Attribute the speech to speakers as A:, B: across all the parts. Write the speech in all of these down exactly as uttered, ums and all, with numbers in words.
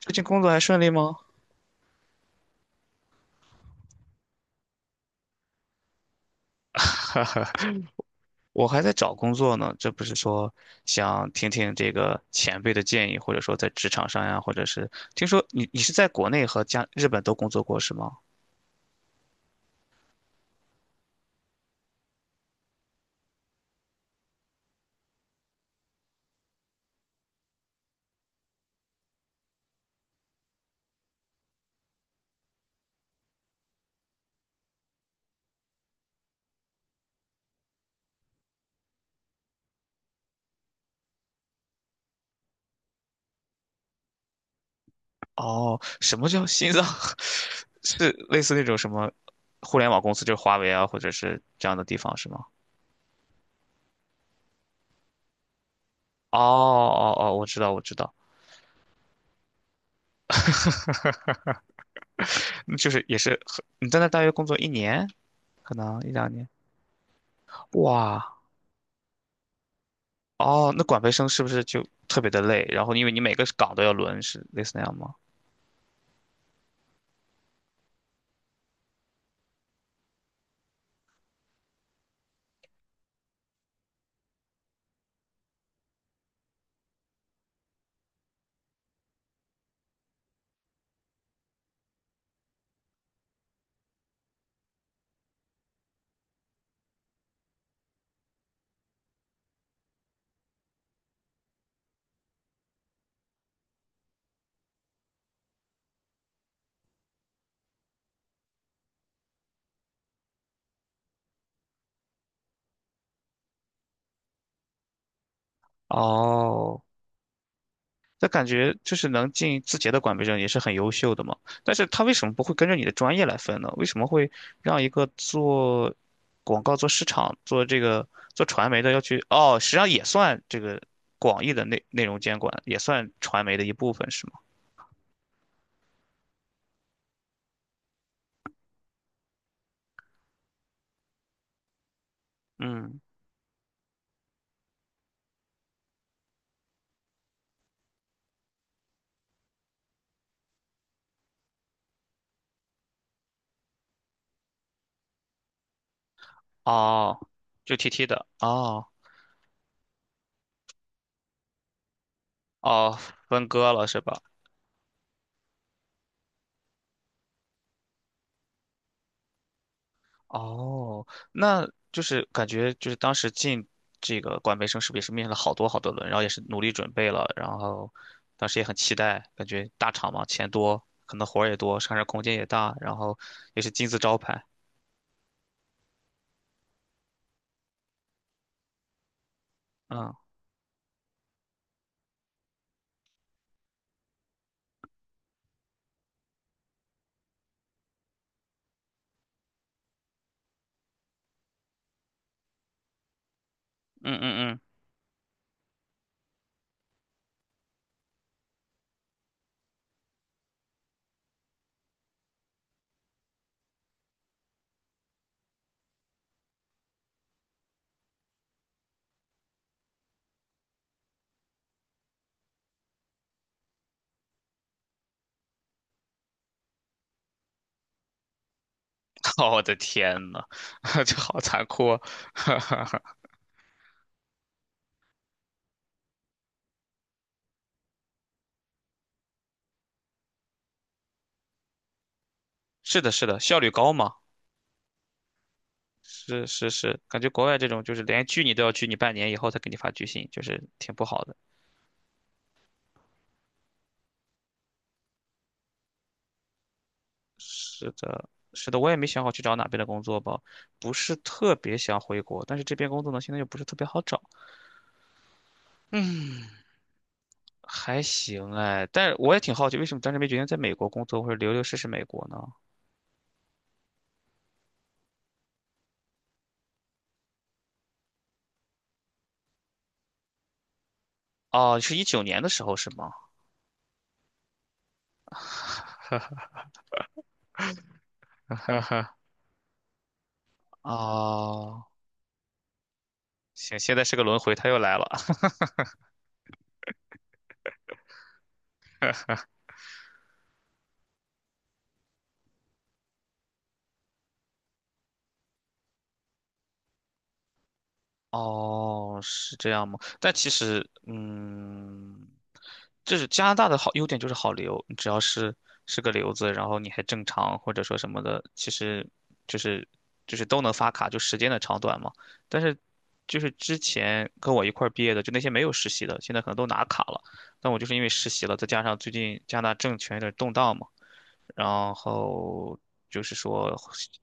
A: 最近工作还顺利吗？我还在找工作呢，这不是说想听听这个前辈的建议，或者说在职场上呀，或者是听说你你是在国内和加日本都工作过是吗？哦，什么叫心脏？是类似那种什么互联网公司，就是华为啊，或者是这样的地方是吗？哦哦哦，我知道我知道，嗯就是也是很你在那大约工作一年，可能一两年，哇，哦，那管培生是不是就特别的累？然后因为你每个岗都要轮，是类似那样吗？哦，那感觉就是能进字节的管培生也是很优秀的嘛。但是他为什么不会跟着你的专业来分呢？为什么会让一个做广告、做市场、做这个做传媒的要去？哦，实际上也算这个广义的内内容监管，也算传媒的一部分，是吗？嗯，哦，就 T T 的，哦哦，分割了是吧？哦，那就是感觉就是当时进这个管培生是不是也是面试了好多好多轮，然后也是努力准备了，然后当时也很期待，感觉大厂嘛，钱多，可能活儿也多，上升空间也大，然后也是金字招牌。嗯嗯嗯嗯，我的天呐，这好残酷啊！是的，是的，效率高嘛，是是是，感觉国外这种就是连拒你都要拒你半年以后才给你发拒信，就是挺不好的。是的，是的，我也没想好去找哪边的工作吧，不是特别想回国，但是这边工作呢，现在又不是特别好找，还行哎，但是我也挺好奇，为什么当时没决定在美国工作或者留留试试美国呢？哦，是一九年的时候是吗？哈哈，哦，行，现在是个轮回，他又来了。哦，是这样吗？但其实，嗯，就是加拿大的好优点就是好留，你只要是是个留子，然后你还正常或者说什么的，其实就是就是都能发卡，就时间的长短嘛。但是就是之前跟我一块儿毕业的，就那些没有实习的，现在可能都拿卡了。但我就是因为实习了，再加上最近加拿大政权有点动荡嘛。然后就是说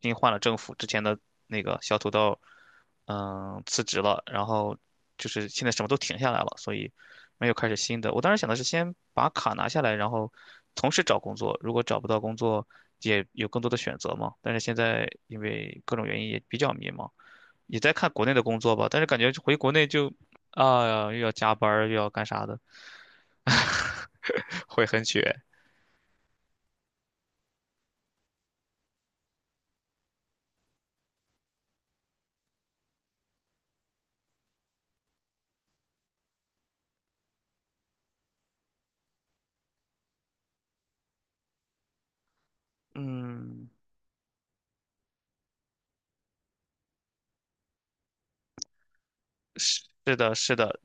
A: 新换了政府，之前的那个小土豆，嗯，辞职了，然后就是现在什么都停下来了，所以没有开始新的。我当时想的是先把卡拿下来，然后同时找工作，如果找不到工作，也有更多的选择嘛。但是现在因为各种原因也比较迷茫，也在看国内的工作吧，但是感觉回国内就啊，又要加班儿又要干啥的，会很卷。嗯，是的，是的，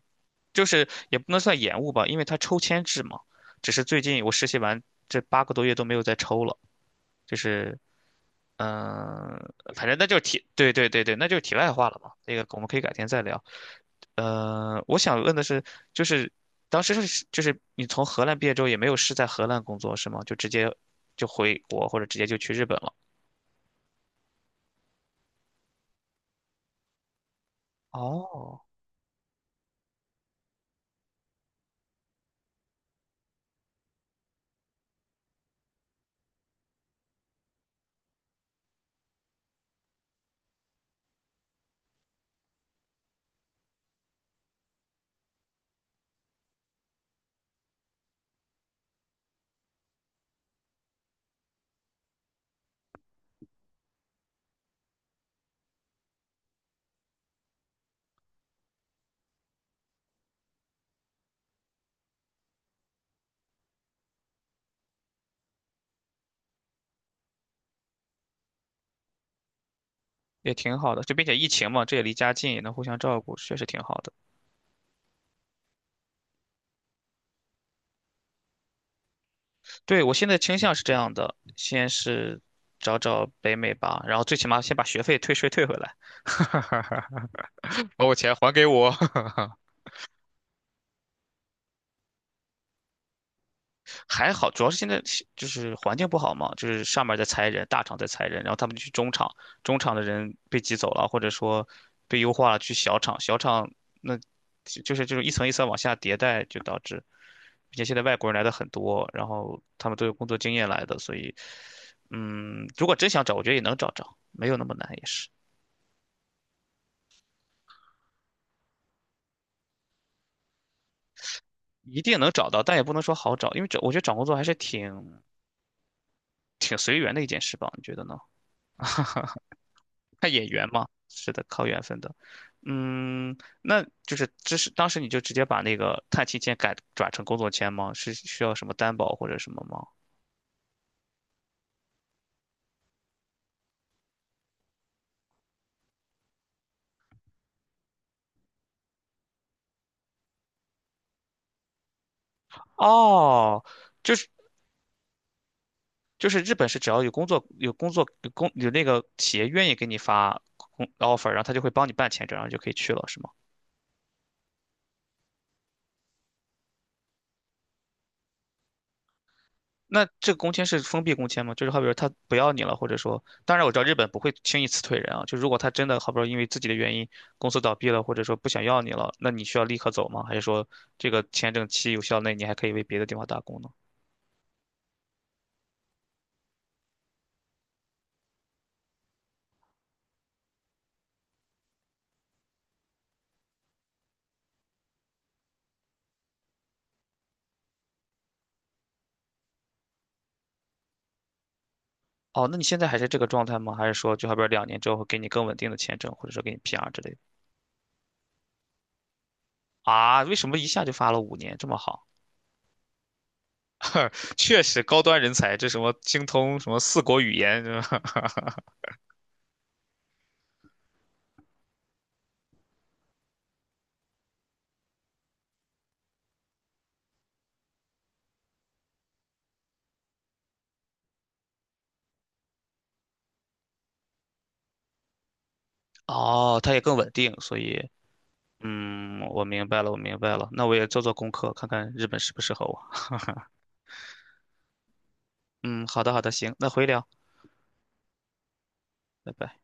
A: 就是也不能算延误吧，因为它抽签制嘛。只是最近我实习完这八个多月都没有再抽了，就是嗯、呃反正那就是题，对对对对，那就是题外话了嘛。那个我们可以改天再聊。呃，我想问的是，就是当时是就是你从荷兰毕业之后也没有是在荷兰工作是吗？就直接就回国或者直接就去日本了？哦，也挺好的，就并且疫情嘛，这也离家近，也能互相照顾，确实挺好的。对，我现在倾向是这样的，先是找找北美吧，然后最起码先把学费退税退回来，把我钱还给我。还好，主要是现在就是环境不好嘛，就是上面在裁人，大厂在裁人，然后他们就去中厂，中厂的人被挤走了，或者说被优化了去小厂，小厂那就就是这种一层一层往下迭代，就导致，并且现在外国人来的很多，然后他们都有工作经验来的，所以，嗯，如果真想找，我觉得也能找着，没有那么难，也是。一定能找到，但也不能说好找，因为找我觉得找工作还是挺挺随缘的一件事吧，你觉得呢？看眼缘嘛，是的，靠缘分的。嗯，那就是这是当时你就直接把那个探亲签改转成工作签吗？是需要什么担保或者什么吗？哦，就是就是日本是只要有工作有工作有工有那个企业愿意给你发工 offer，然后他就会帮你办签证，然后就可以去了，是吗？那这个工签是封闭工签吗？就是好比说他不要你了，或者说，当然我知道日本不会轻易辞退人啊。就如果他真的好比说因为自己的原因公司倒闭了，或者说不想要你了，那你需要立刻走吗？还是说这个签证期有效内你还可以为别的地方打工呢？哦，那你现在还是这个状态吗？还是说就好比说两年之后会给你更稳定的签证，或者说给你 P R 之类的？啊，为什么一下就发了五年这么好？确实高端人才，这什么精通什么四国语言，是吧？哦，他也更稳定，所以。嗯，我明白了，我明白了。那我也做做功课，看看日本适不适合我。嗯，好的，好的，行，那回聊，拜拜。